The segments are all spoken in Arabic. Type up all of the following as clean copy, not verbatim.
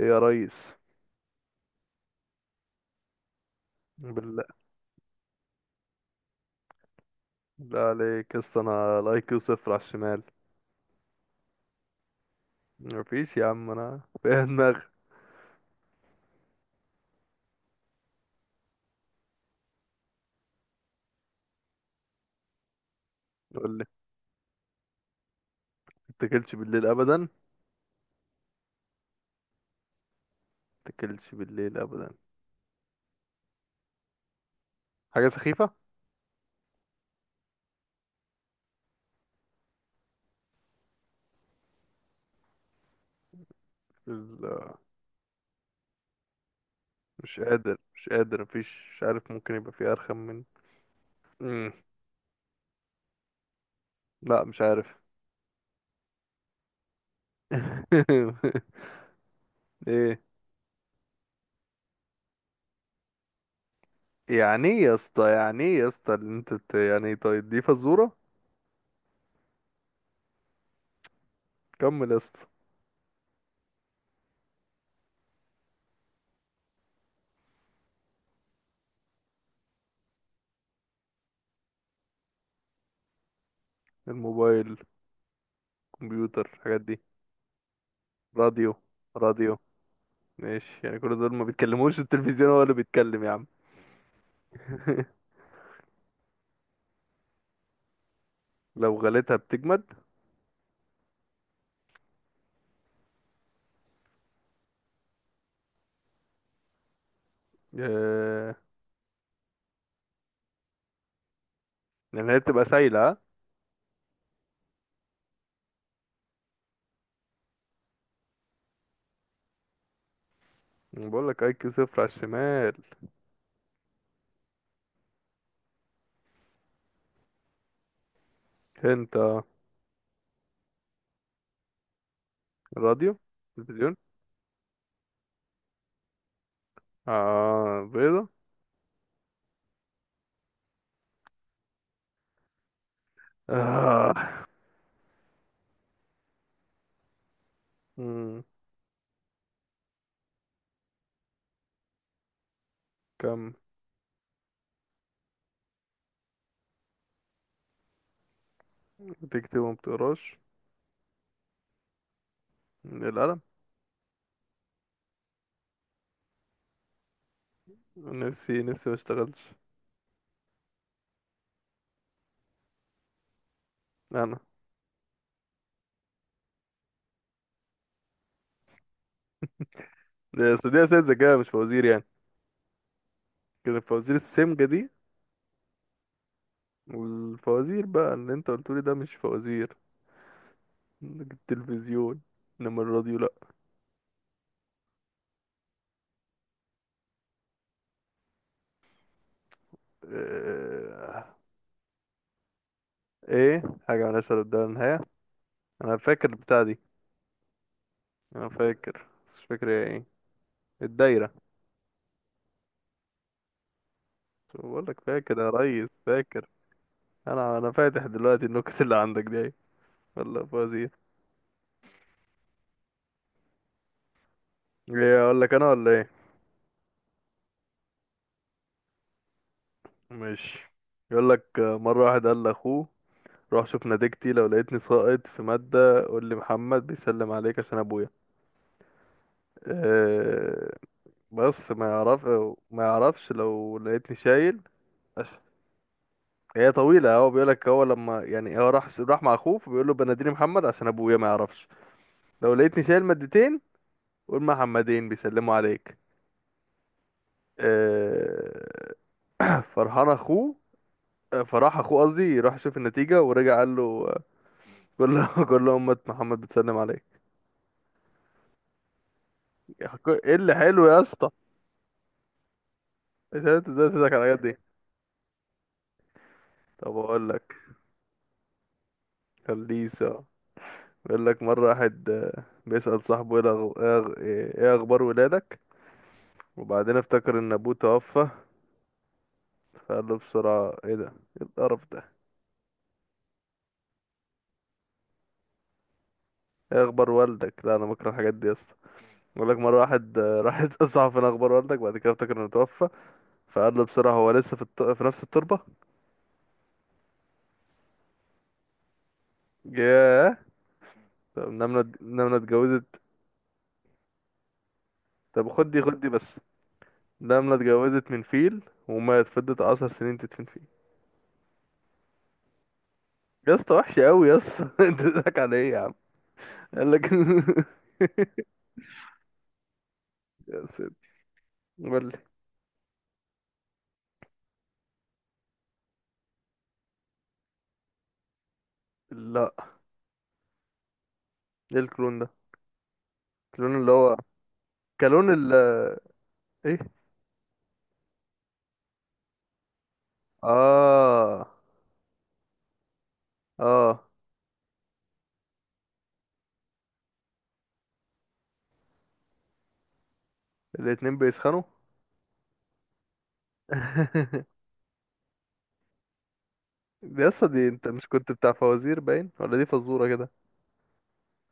ايه يا ريس. بالله بالله عليك يا اسطى، انا الاي كيو صفر على الشمال. مفيش يا عم، انا فيها دماغ. يقول لي متاكلش بالليل ابدا، متاكلش بالليل ابدا، حاجه سخيفه. ال- مش قادر مش قادر مفيش مش عارف ممكن يبقى في ارخم من مم. لا مش عارف. ايه؟ يعني ايه يا اسطى يعني ايه يا اسطى اللي انت بت- يعني إيه؟ طيب دي فزوره، كمل يا اسطى. الموبايل، كمبيوتر، الحاجات دي. راديو، راديو. ماشي، يعني كل دول ما بيتكلموش، التلفزيون هو اللي بيتكلم يا عم. لو غليتها بتجمد؟ آه... يعني هي بتبقى سايلة ها؟ بقول لك اي كيو صفر على الشمال. انت. الراديو. التلفزيون. اه، بيضة. آه. مم. كم؟ بتكتب وما بتقراش؟ القلم. نفسي ما اشتغلش. انا؟ دي أصل دي اساس ذكاء، مش فوازير يعني، كده الفوازير السمجة دي. والفوازير بقى اللي انت قلتولي ده مش فوازير، التلفزيون، انما الراديو لا. آه، ايه؟ حاجة من أسفل الدايرة للنهاية، أنا فاكر البتاع دي. أنا فاكر بس مش فاكر هي ايه. الدايرة. بقول لك فاكر يا ريس، فاكر. أنا فاتح دلوقتي النكت اللي عندك دي أهي. والله فوزي. ايه، أقول لك أنا ولا ايه؟ ماشي. يقول لك مرة واحد قال لأخوه روح شوف نتيجتي، لو لقيتني ساقط في مادة قول لي محمد بيسلم عليك، عشان أبويا. أه، بس ما يعرف، ما يعرفش لو لقيتني شايل. هي طويلة، هو بيقول لك هو لما يعني هو راح مع اخوه فبيقول له بناديني محمد عشان ابويا ما يعرفش، لو لقيتني شايل مادتين قول محمدين بيسلموا عليك. آه، فرحان اخوه، فراح اخوه، قصدي راح شوف النتيجة ورجع قال له، آه، قول له قول له امة محمد بتسلم عليك. ايه اللي حلو يا اسطى؟ مش عارف إنت ازاي تضحك على الحاجات دي. طب اقول لك. خليسه. بيقول لك مرة واحد بيسأل صاحبه ايه إيه اخبار ولادك، وبعدين افتكر ان ابوه توفى، فقال له بسرعة ايه ده، ايه القرف ده، ايه اخبار والدك. لا انا بكره الحاجات دي يا اسطى. بقول لك مرة واحد راح يسأل صاحبه فين اخبار والدك، بعد كده افتكر انه توفى، فقال له بسرعة هو لسه في نفس التربة. ياه. طب نملة اتجوزت. طب خد دي بس. نملة اتجوزت من فيل ومات، فضلت 10 سنين تدفن فيه. يا اسطى وحش قوي يا اسطى. انت بتضحك على ايه يا عم؟ قال لك. يا سيد. قول لي. لا، ايه الكلون ده؟ الكلون اللي هو كلون ال. ايه. اه. اه. الاتنين بيسخنوا. دي يا اسطى، دي انت مش كنت بتاع فوازير باين، ولا دي فزورة كده؟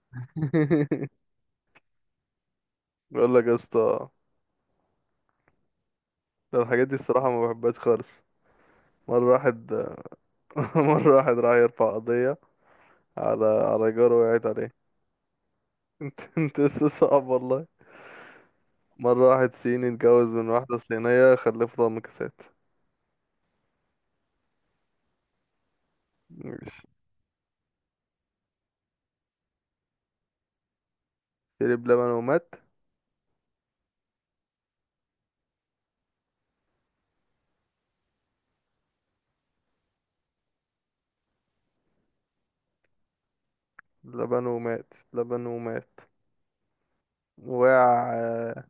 بقول لك يا اسطى، ده الحاجات دي الصراحة ما بحبهاش خالص. مرة واحد. مرة واحد راح يرفع قضية على جاره، وقعت عليه. انت لسه صعب والله. مرة واحد صيني اتجوز من واحدة صينية خلف له مكاسات. ماشي. شرب لبن ومات. لبن ومات. لبن ومات، وقع،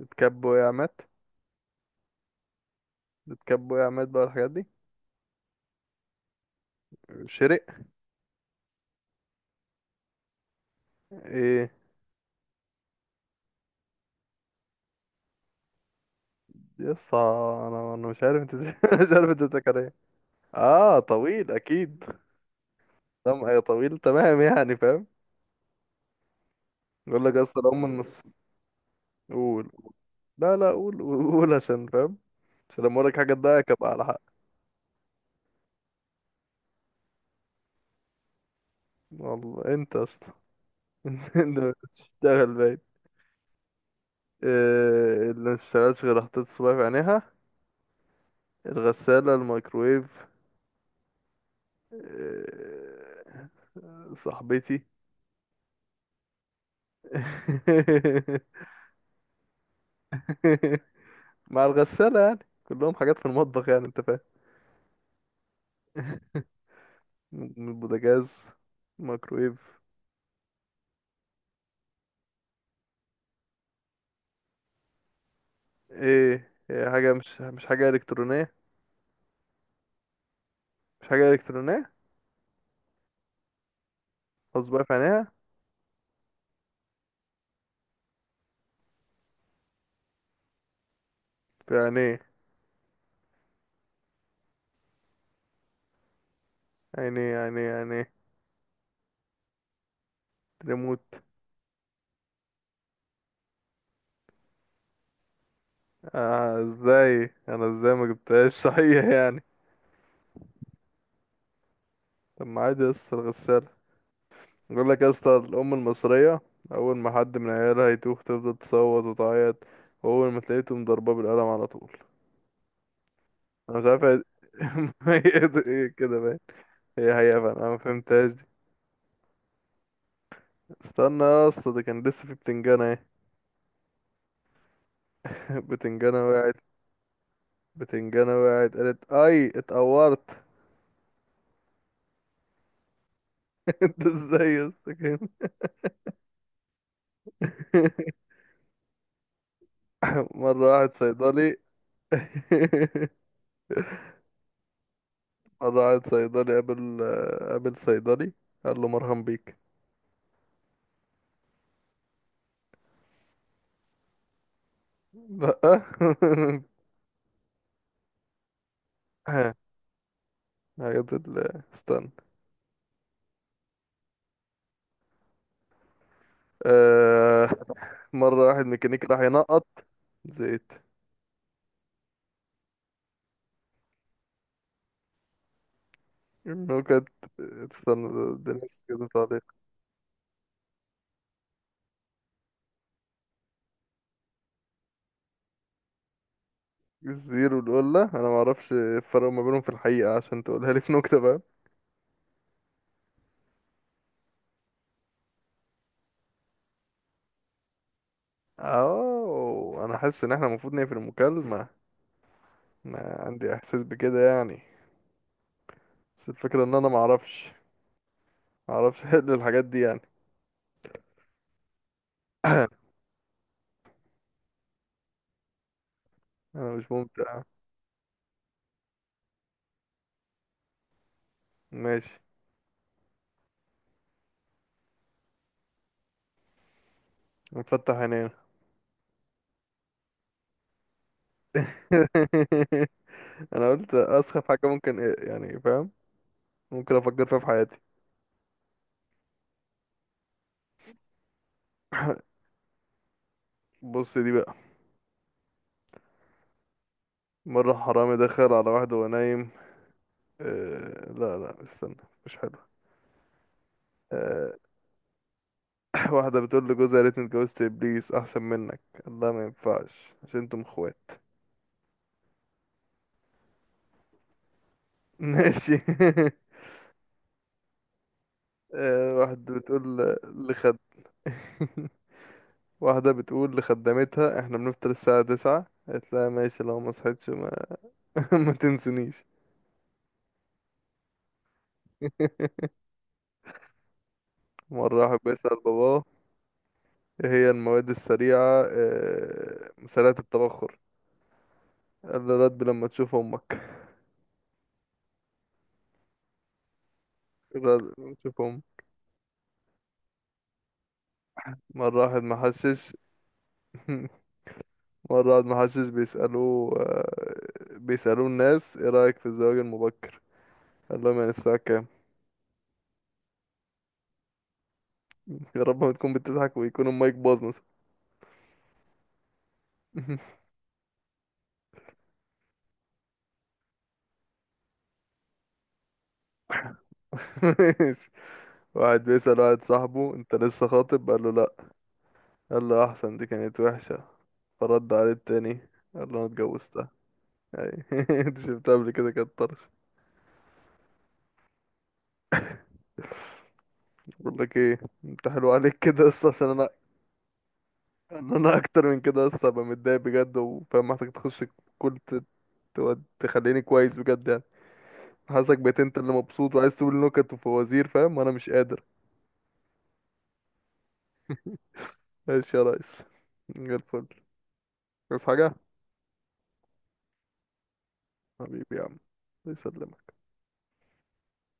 اتكب، وقع، مات، اتكب، وقع، مات بقى الحاجات دي. شرق. ايه يا اسطى؟ انا مش عارف انت مش عارف انت بتتكلم ايه. اه، طويل اكيد. تمام، ايه طويل، تمام يعني فاهم. يقول لك اصل هم النص. قول. لا لا قول قول قول عشان فاهم، عشان لما اقول لك حاجه تضايقك ابقى على حق. والله انت يا اسطى انت بتشتغل باين. إيه اللي ما اشتغلش غير حطيت الصباع في عينيها؟ الغساله، الميكرويف. إيه صاحبتي؟ مع الغسالة يعني، كلهم حاجات في المطبخ يعني انت فاهم. من البوتاجاز، ميكرويف. ايه، هي حاجة مش حاجة إلكترونية؟ مش حاجة إلكترونية؟ خلاص، بقى في عينيها، في عينيه عينيه. ريموت. آه، ازاي انا، ازاي ما جبتهاش؟ صحيح يعني. طب ما عادي يا اسطى الغسالة. بقول لك يا اسطى، الأم المصرية أول ما حد من عيالها يتوه تفضل تصوت وتعيط، وأول ما تلاقيته مضرباه بالقلم على طول. أنا مش عارف هي كده. هي هي فعلا انا ما فهمتهاش دي. استنى يا اسطى، ده كان لسه في بتنجانة اهي. بتنجانة وقعت، بتنجانة وقعت قالت اي اتقورت. انت ازاي يا اسطى كده؟ مرة واحد صيدلي. مرة واحد صيدلي قابل، قابل صيدلي، قال له مرهم بيك. لأ. استنى. آه، مرة واحد ميكانيكي راح ينقط زيت. النكت. استنى، ده ناس كده. الزير والولا انا ما اعرفش الفرق ما بينهم في الحقيقة، عشان تقولها لي في نكتة بقى. اه، انا حاسس ان احنا المفروض نقفل المكالمة. انا عندي احساس بكده يعني، بس الفكرة ان انا ما اعرفش، ما اعرفش احل الحاجات دي يعني. انا مش ممتع. ماشي. نفتح عينينا. انا قلت اسخف حاجة ممكن إيه يعني فاهم، ممكن افكر فيها في حياتي. بص دي بقى. مرة حرامي دخل على واحد وهو نايم. أه لا لا استنى، مش حلو. آه، واحدة بتقول لجوزها يا ريتني اتجوزت ابليس احسن منك، الله ما ينفعش عشان انتم اخوات. ماشي. آه، واحدة بتقول ل- لخد. واحدة بتقول لخدمتها احنا بنفطر الساعة 9، قالت لها ماشي لو ما صحيتش ما, ما تنسونيش. مرة واحد بيسأل باباه ايه هي المواد السريعة، سريعة التبخر، قال له رد لما تشوف امك. رد لما تشوف امك. مرة واحد محشش. مرة قعد محشش بيسألوه بيسألوه الناس ايه رأيك في الزواج المبكر، قال لهم يعني الساعة كام. يا رب ما تكون بتضحك ويكون المايك باظ مثلا. ماشي. واحد بيسأل واحد صاحبه انت لسه خاطب، قال له لا، قال له احسن دي كانت وحشة، فرد عليه التاني قال له انا اتجوزتها يعني. انت شفتها قبل كده، كانت طرش. بقول لك ايه، انت حلو عليك كده اصلا عشان انا، ان انا اكتر من كده اصلا ابقى متضايق بجد وفاهم، محتاج تخش كل ت- تخليني كويس بجد يعني. حاسسك بقيت انت اللي مبسوط وعايز تقول نكت وفوازير فاهم، وانا مش قادر. ماشي يا ريس، من غير الفل، بس حاجة. حبيبي يا عم، يسلم.